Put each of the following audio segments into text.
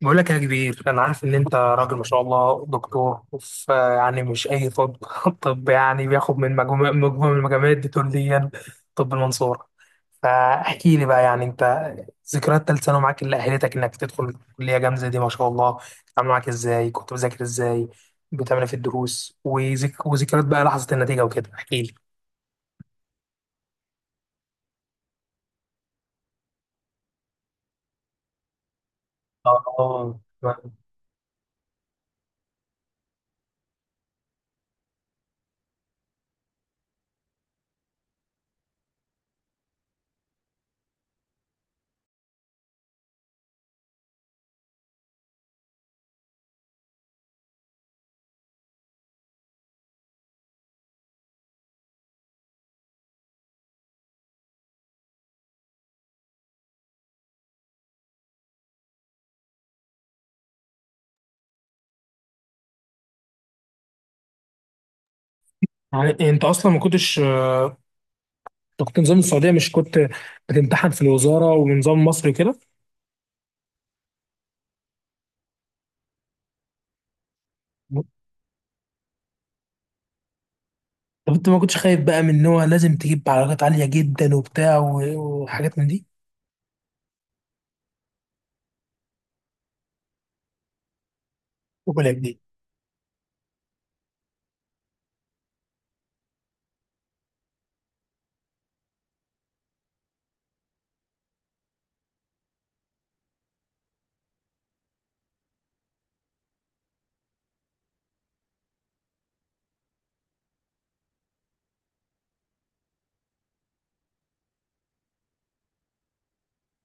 بقول لك يا كبير، انا عارف ان انت راجل ما شاء الله دكتور، وف يعني مش اي طب. طب يعني بياخد من مجموعه من المجاميع الدكتورية. طب المنصوره. فاحكي لي بقى، يعني انت ذكريات ثالث ثانوي معاك اللي اهلتك انك تدخل كليه جامده دي ما شاء الله. عامله معاك ازاي؟ كنت بذاكر ازاي؟ بتعمل إيه في الدروس؟ وذكريات بقى لحظه النتيجه وكده، احكي لي. اه يعني انت اصلا ما كنتش، انت كنت نظام السعوديه، مش كنت بتمتحن في الوزاره ونظام مصر كده. طب انت ما كنتش خايف بقى من ان هو لازم تجيب علاقات عالية جدا وبتاع وحاجات من دي؟ وبلاك دي.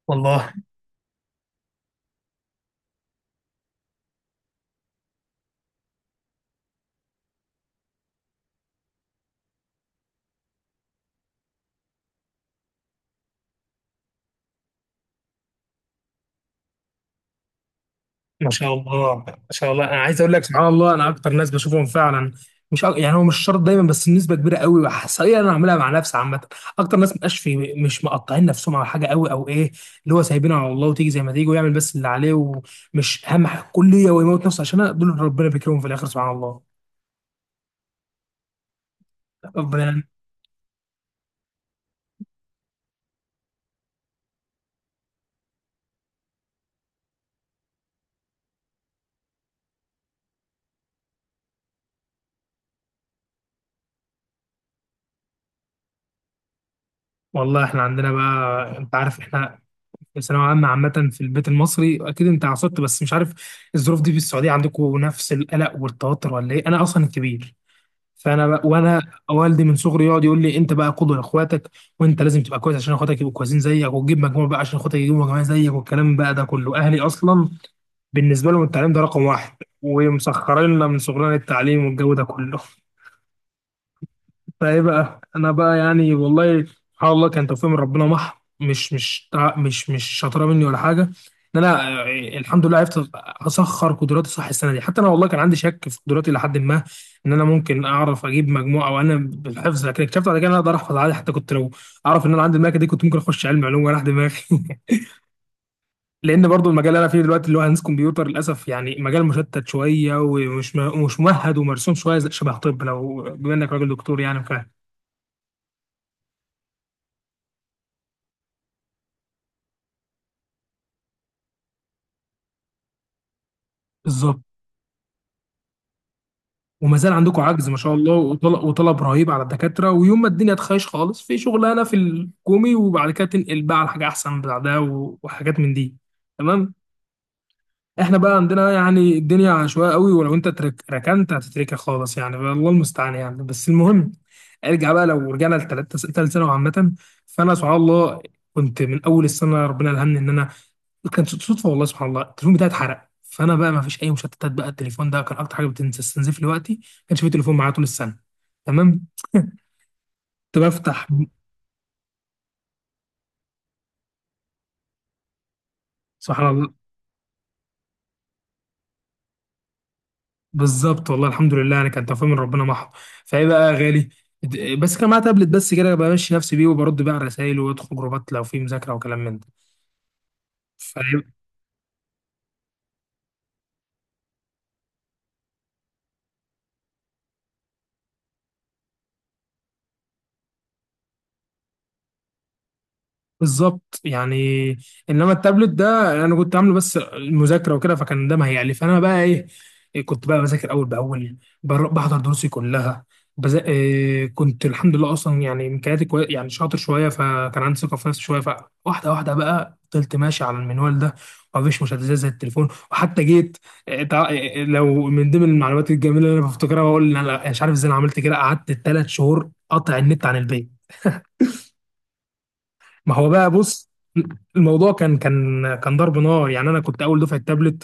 والله ما شاء الله ما شاء الله، انا عايز اقول لك سبحان الله انا اكتر ناس بشوفهم فعلا مش أك... يعني هو مش شرط دايما، بس النسبه كبيره قوي حصريا انا عاملها مع نفسي، عامه. اكتر ناس مبقاش في، مش مقطعين نفسهم على حاجه قوي او ايه، اللي هو سايبينه على الله وتيجي زي ما تيجي، ويعمل بس اللي عليه، ومش اهم حاجه كليه ويموت نفسه، عشان دول ربنا بيكرمهم في الاخر سبحان الله. ربنا. والله احنا عندنا بقى، انت عارف احنا الثانوية عامة في البيت المصري أكيد أنت عصبت، بس مش عارف الظروف دي في السعودية عندكم نفس القلق والتوتر ولا إيه؟ أنا أصلا الكبير، فأنا بقى، وأنا والدي من صغري يقعد يقول لي أنت بقى قدوة لإخواتك، وأنت لازم تبقى كويس عشان إخواتك يبقوا كويسين زيك، وتجيب مجموع بقى عشان إخواتك يجيبوا مجموع زيك، والكلام بقى ده كله. أهلي أصلا بالنسبة لهم التعليم ده رقم واحد، ومسخرين لنا من صغرنا التعليم والجو ده كله. فايه بقى انا بقى، يعني والله سبحان الله كان توفيق من ربنا مح مش مش تع- مش مش شاطره مني ولا حاجه، ان انا الحمد لله عرفت اسخر قدراتي صح السنه دي. حتى انا والله كان عندي شك في قدراتي لحد ما ان انا ممكن اعرف اجيب مجموعه، او انا بالحفظ، لكن اكتشفت بعد كده ان انا اقدر احفظ عادي. حتى كنت لو اعرف ان انا عندي الملكه دي كنت ممكن اخش علم علوم ولا دماغي. لان برضو المجال اللي انا فيه دلوقتي اللي هو هندسه كمبيوتر، للاسف يعني مجال مشتت شويه، ومش مش ممهد ومرسوم شويه شبه طب. لو بما انك راجل دكتور يعني فاهم بالظبط. وما زال عندكم عجز ما شاء الله، وطلب, وطلب رهيب على الدكاترة. ويوم ما الدنيا تخيش خالص في شغلانة في الحكومي، وبعد كده تنقل بقى على حاجة أحسن بعدها، وحاجات من دي. تمام. احنا بقى عندنا يعني الدنيا عشوائيه قوي، ولو انت ترك ركنت هتتركها خالص، يعني الله المستعان يعني. بس المهم، ارجع بقى، لو رجعنا لثالث ثانوي عامه، فانا سبحان الله كنت من اول السنه ربنا الهمني ان انا، كانت صدفه والله، سبحان الله التليفون بتاعي اتحرق، فانا بقى ما فيش اي مشتتات بقى. التليفون ده كان اكتر حاجه بتستنزف لي وقتي، ما كانش في تليفون معايا طول السنه. تمام. كنت بفتح. سبحان الله. بالظبط والله، الحمد لله يعني كان توفيق من ربنا محض. فايه بقى يا غالي، بس كان معايا تابلت، بس كده بمشي نفسي بيه، وبرد بقى على الرسايل، وادخل جروبات لو في مذاكره وكلام من ده. بالظبط يعني. انما التابلت ده انا كنت عامله بس المذاكره وكده، فكان ده ما هيعلي. فانا بقى ايه، إيه كنت بقى بذاكر اول باول، بحضر دروسي كلها، إيه كنت الحمد لله اصلا، يعني يعني شاطر شويه، فكان عندي ثقه في نفسي شويه، فواحده واحده بقى فضلت ماشي على المنوال ده، ومفيش مشتتات زي التليفون. وحتى جيت إيه، لو من ضمن المعلومات الجميله اللي انا بفتكرها، بقول انا مش عارف ازاي انا عملت كده، قعدت ثلاث شهور قاطع النت عن البيت. ما هو بقى بص، الموضوع كان كان ضرب نار، يعني انا كنت اول دفعه تابلت،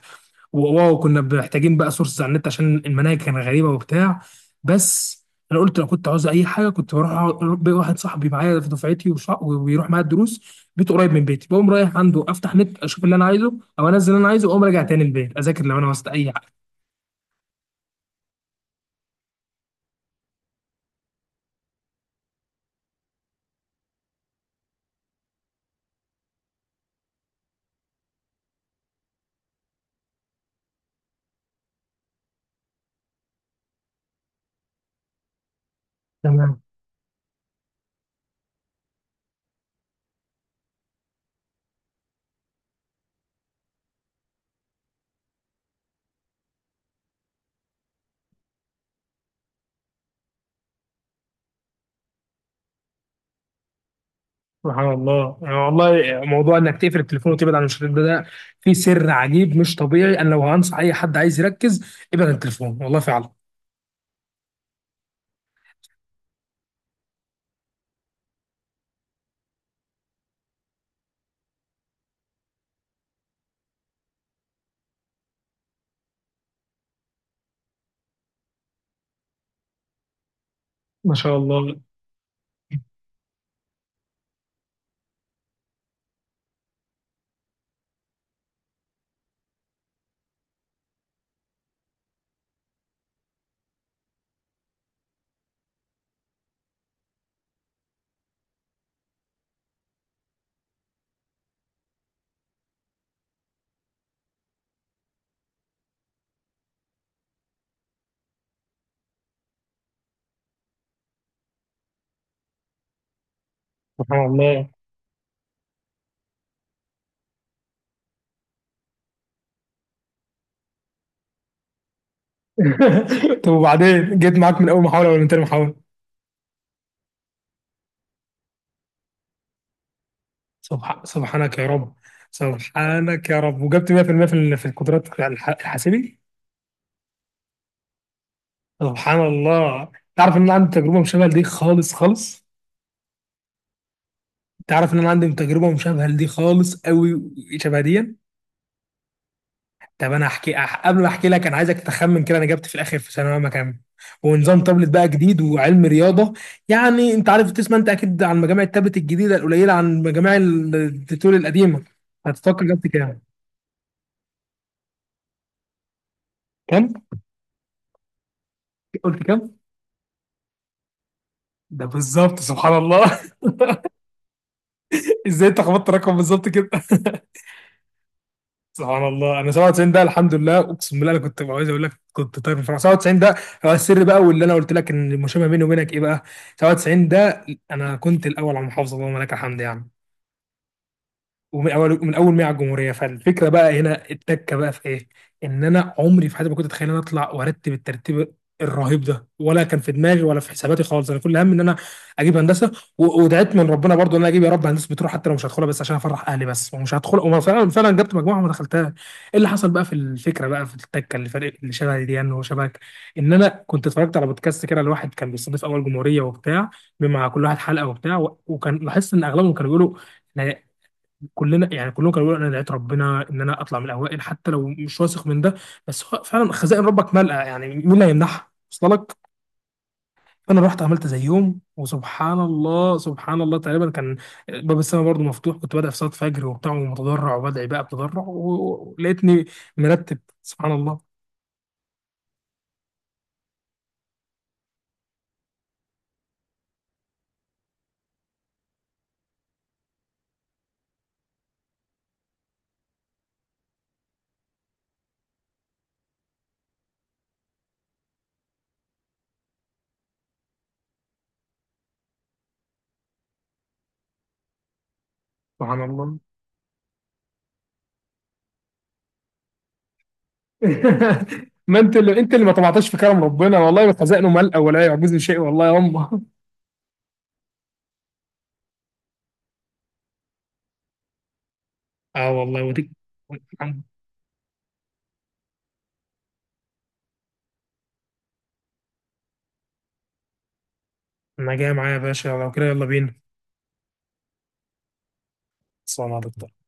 كنا محتاجين بقى سورس على النت عشان المناهج كانت غريبه وبتاع. بس انا قلت لو كنت عاوز اي حاجه كنت بروح واحد صاحبي معايا في دفعتي وبيروح معايا الدروس، بيته قريب من بيتي، بقوم رايح عنده افتح نت اشوف اللي انا عايزه، او انزل اللي انا عايزه واقوم راجع تاني البيت اذاكر لو انا وسط اي حاجه. تمام. سبحان الله، يعني والله موضوع انك تقفل التليفون وتبعد عن الشريط ده، ده فيه سر عجيب مش طبيعي. انا لو هنصح اي حد عايز يركز، ابعد عن التليفون والله فعلا. ما شاء الله. سبحان الله. طب وبعدين جيت معاك من اول محاوله ولا من تاني محاوله؟ سبحانك يا رب. سبحانك يا رب، وجبت 100% في المية في في القدرات الحاسبي. سبحان الله، تعرف ان انا عندي تجربه مشابهه لدي خالص خالص. تعرف ان انا عندي تجربه مشابهه لدي خالص قوي، شبه دي. طب انا احكي قبل ما احكي لك، انا عايزك تخمن كده انا جبت في الاخر في ثانويه عامه كام، ونظام تابلت بقى جديد وعلم رياضه، يعني انت عارف تسمع انت اكيد عن مجامع التابلت الجديده القليله عن مجامع التتول القديمه، هتتوقع جبت كام؟ كام؟ قلت كام؟ ده بالظبط سبحان الله. ازاي انت خبطت الرقم بالظبط كده؟ سبحان الله، انا 97 ده، الحمد لله اقسم بالله انا كنت عايز اقول لك كنت طاير من الفرح 97 ده. هو السر بقى واللي انا قلت لك ان المشابه بيني وبينك ايه بقى، 97 ده انا كنت الاول على المحافظه، اللهم لك الحمد يعني. ومن اول، من اول ما هي على الجمهوريه. فالفكره بقى هنا التكه بقى في ايه، ان انا عمري في حياتي ما كنت اتخيل ان انا اطلع وارتب الترتيب الرهيب ده، ولا كان في دماغي ولا في حساباتي خالص. انا كل همي ان انا اجيب هندسه، ودعيت من ربنا برضو ان انا اجيب يا رب هندسه بتروح حتى لو مش هدخلها، بس عشان افرح اهلي بس ومش هدخل. وما فعلا جبت مجموعه وما دخلتها، ايه اللي حصل بقى في الفكره بقى في التكه اللي فرق، اللي شبه دي يعني وشبهك، ان انا كنت اتفرجت على بودكاست كده لواحد كان بيستضيف اول جمهوريه وبتاع، مع كل واحد حلقه وبتاع، وكان لاحظت ان اغلبهم كانوا بيقولوا، كلنا يعني كلهم كانوا بيقولوا انا دعيت ربنا ان انا اطلع من الاوائل حتى لو مش واثق من ده. بس هو فعلا خزائن ربك ملأ، يعني مين اللي هيمنعها وصل لك. فانا رحت عملت زيهم، وسبحان الله سبحان الله تقريبا كان باب السماء برضه مفتوح، كنت بدأ في صلاة فجر وبتاع، ومتضرع وبدعي بقى بتضرع، ولقيتني مرتب سبحان الله. سبحان الله. ما انت اللي، ما طمعتش في كرم ربنا، والله خزائنه ملأ ولا يعجزني شيء والله يا امه. اه والله، ودي، ما جايه معايا يا باشا؟ لو كده يلا بينا. تصبح مع دكتور.